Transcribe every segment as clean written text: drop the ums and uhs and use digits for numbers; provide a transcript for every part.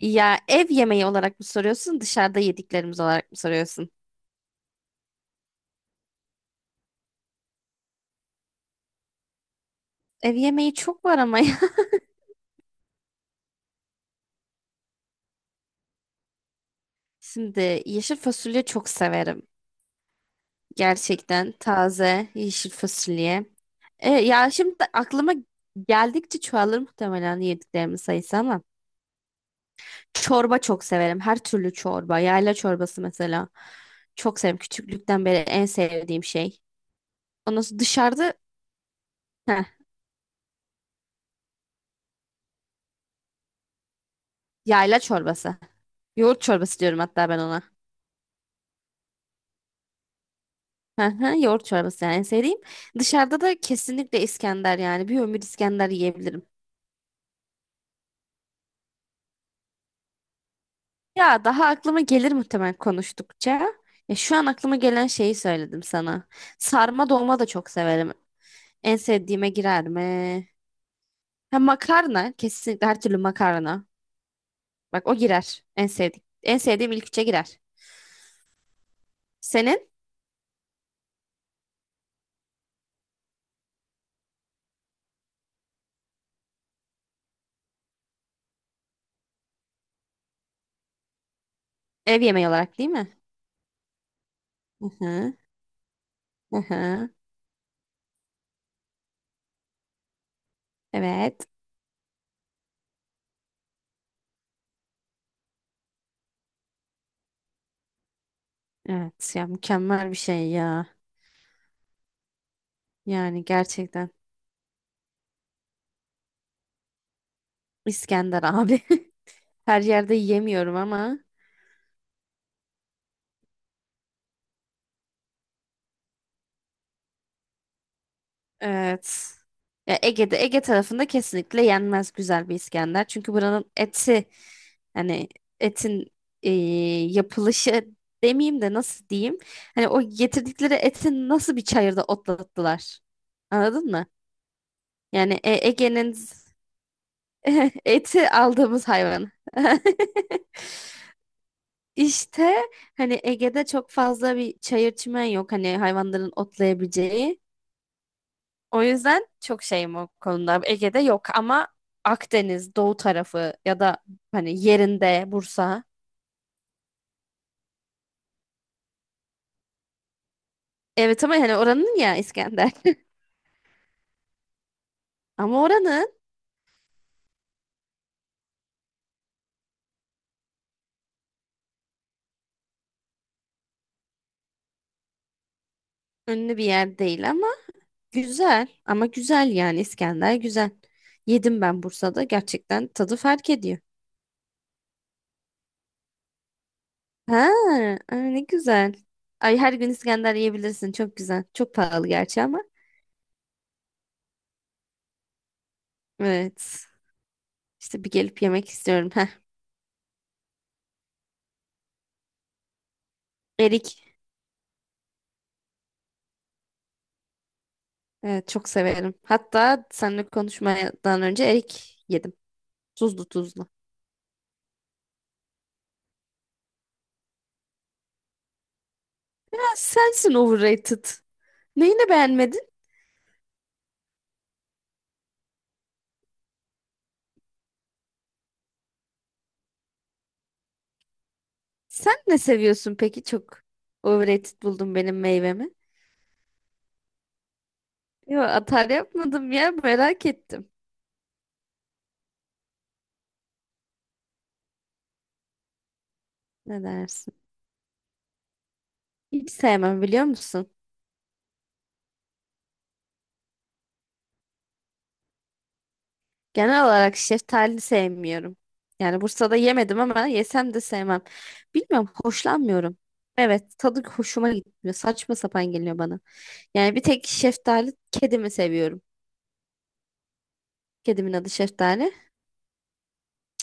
Ya ev yemeği olarak mı soruyorsun, dışarıda yediklerimiz olarak mı soruyorsun? Ev yemeği çok var ama ya. Şimdi yeşil fasulye çok severim. Gerçekten taze yeşil fasulye. Ya şimdi aklıma geldikçe çoğalır muhtemelen yediklerimin sayısı ama. Çorba çok severim. Her türlü çorba. Yayla çorbası mesela. Çok severim. Küçüklükten beri en sevdiğim şey. Ondan sonra dışarıda heh, yayla çorbası. Yoğurt çorbası diyorum hatta ben ona. Hı hı, yoğurt çorbası yani en sevdiğim. Dışarıda da kesinlikle İskender yani. Bir ömür İskender yiyebilirim. Ya daha aklıma gelir muhtemelen konuştukça. Ya şu an aklıma gelen şeyi söyledim sana. Sarma dolma da çok severim. En sevdiğime girer mi? Ha, makarna. Kesinlikle her türlü makarna. Bak o girer. En sevdiğim. En sevdiğim ilk üçe girer. Senin ev yemeği olarak değil mi? Hı hı. Hı hı. Evet. Evet ya mükemmel bir şey ya. Yani gerçekten. İskender abi. Her yerde yiyemiyorum ama evet. Ya Ege'de Ege tarafında kesinlikle yenmez güzel bir İskender. Çünkü buranın eti hani etin e, yapılışı demeyeyim de nasıl diyeyim? Hani o getirdikleri etin nasıl bir çayırda otlattılar? Anladın mı? Yani Ege'nin eti aldığımız hayvan. İşte hani Ege'de çok fazla bir çayır çimen yok. Hani hayvanların otlayabileceği. O yüzden çok şeyim o konuda. Ege'de yok ama Akdeniz, Doğu tarafı ya da hani yerinde Bursa. Evet ama hani oranın ya İskender. Ama oranın ünlü bir yer değil ama güzel. Ama güzel yani İskender güzel. Yedim ben Bursa'da gerçekten tadı fark ediyor. Ha, ay ne güzel. Ay her gün İskender yiyebilirsin. Çok güzel. Çok pahalı gerçi ama. Evet. İşte bir gelip yemek istiyorum. Heh. Erik. Evet çok severim. Hatta seninle konuşmadan önce erik yedim. Tuzlu tuzlu. Ya sensin overrated. Neyini beğenmedin? Sen ne seviyorsun peki çok? Overrated buldum benim meyvemi. Yo atar yapmadım ya merak ettim. Ne dersin? Hiç sevmem biliyor musun? Genel olarak şeftali sevmiyorum. Yani Bursa'da yemedim ama yesem de sevmem. Bilmiyorum hoşlanmıyorum. Evet tadı hoşuma gitmiyor. Saçma sapan geliyor bana. Yani bir tek şeftali kedimi seviyorum. Kedimin adı Şeftali.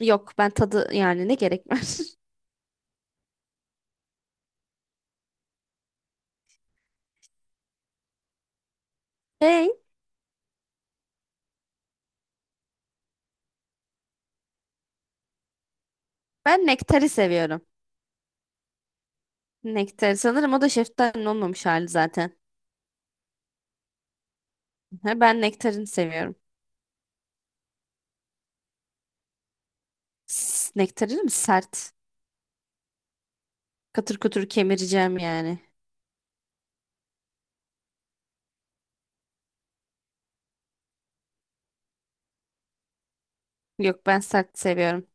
Yok ben tadı yani ne gerek var. Hey ben nektari seviyorum. Nektari sanırım o da şeftalinin olmamış hali zaten. Ha, ben nektarini seviyorum. Nektarini mi sert? Katır kutur kemireceğim yani. Yok ben sert seviyorum.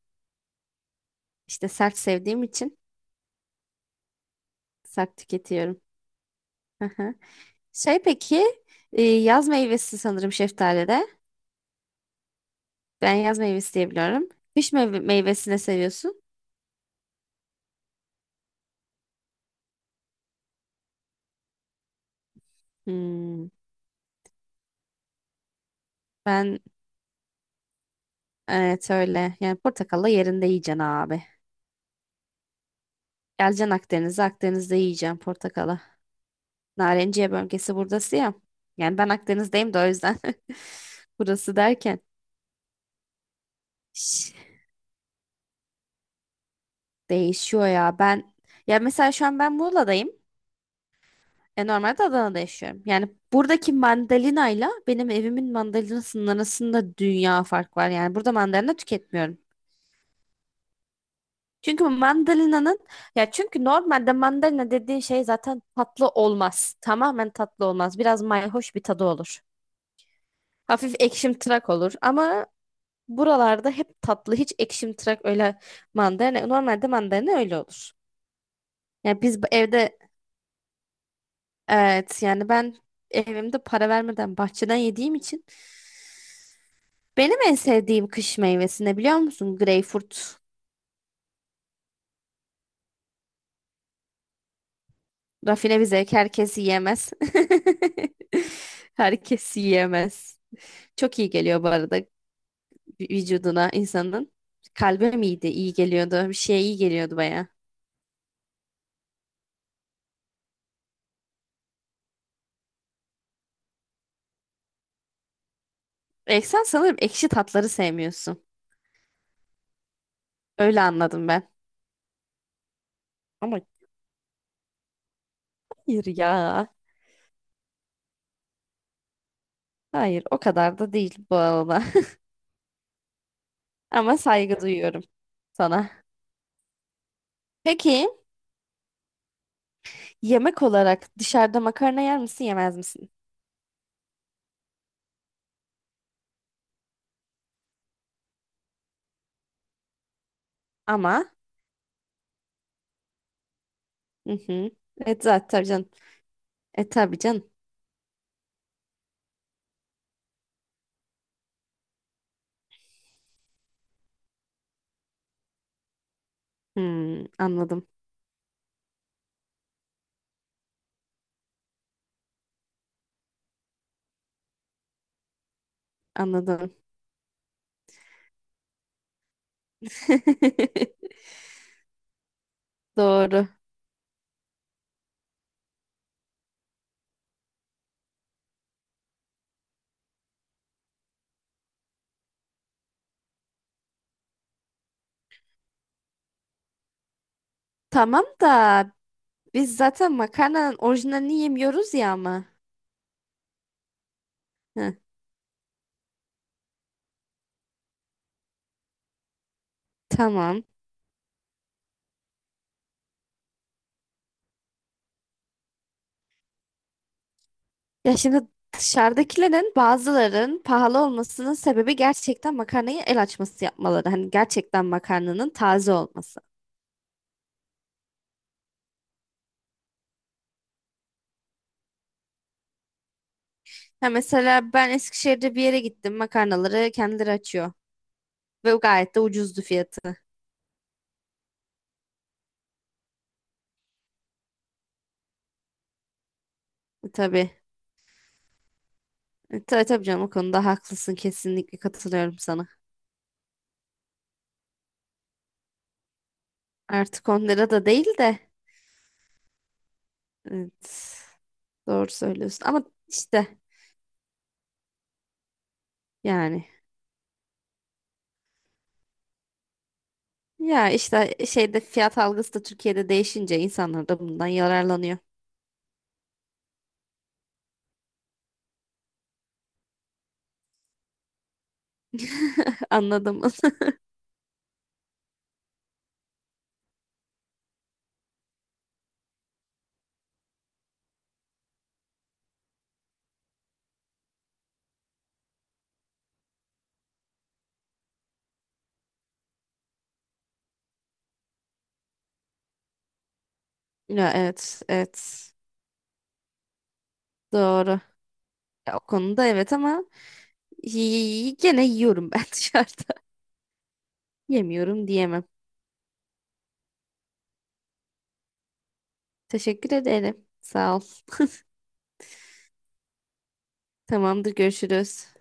İşte sert sevdiğim için sert tüketiyorum. Aha. Şey peki yaz meyvesi sanırım şeftalide. Ben yaz meyvesi diye biliyorum. Kış meyvesini seviyorsun. Hmm. Ben evet öyle. Yani portakalla yerinde yiyeceksin abi. Geleceksin Akdeniz'e, Akdeniz'de yiyeceksin portakala. Narenciye bölgesi buradası ya. Yani ben Akdeniz'deyim de o yüzden. Burası derken. Şş, değişiyor ya. Ben ya mesela şu an ben Muğla'dayım. Normalde Adana'da yaşıyorum. Yani buradaki mandalinayla benim evimin mandalinasının arasında dünya fark var. Yani burada mandalina tüketmiyorum. Çünkü mandalina'nın çünkü normalde mandalina dediğin şey zaten tatlı olmaz. Tamamen tatlı olmaz. Biraz mayhoş bir tadı olur. Hafif ekşimtırak olur ama buralarda hep tatlı. Hiç ekşimtırak öyle mandalina. Normalde mandalina öyle olur. Yani biz bu evde evet yani ben evimde para vermeden bahçeden yediğim için benim en sevdiğim kış meyvesi ne biliyor musun? Greyfurt. Rafine bir zevk herkes yiyemez. Herkes yiyemez. Çok iyi geliyor bu arada vücuduna insanın. Kalbe miydi? İyi geliyordu. Bir şeye iyi geliyordu baya. Sen sanırım ekşi tatları sevmiyorsun. Öyle anladım ben. Ama hayır ya. Hayır o kadar da değil bu arada. Ama saygı duyuyorum sana. Peki yemek olarak dışarıda makarna yer misin yemez misin? Ama hı hı. Evet zaten tabii canım. E tabii canım. Hmm, anladım. Anladım. Doğru. Tamam da biz zaten makarnanın orijinalini yemiyoruz ya ama. Heh, tamam. Ya şimdi dışarıdakilerin bazıların pahalı olmasının sebebi gerçekten makarnayı el açması yapmaları. Hani gerçekten makarnanın taze olması. Ha mesela ben Eskişehir'de bir yere gittim. Makarnaları kendileri açıyor. Ve gayet de ucuzdu fiyatı. Tabii. Tabii tabii canım o konuda haklısın. Kesinlikle katılıyorum sana. Artık 10 lira da değil de. Evet, doğru söylüyorsun. Ama işte yani. Ya işte şeyde fiyat algısı da Türkiye'de değişince insanlar da bundan yararlanıyor. Anladım. Ya evet, evet. Doğru. Ya, o konuda evet ama gene yiyorum ben dışarıda. Yemiyorum diyemem. Teşekkür ederim. Sağ ol. Tamamdır, görüşürüz.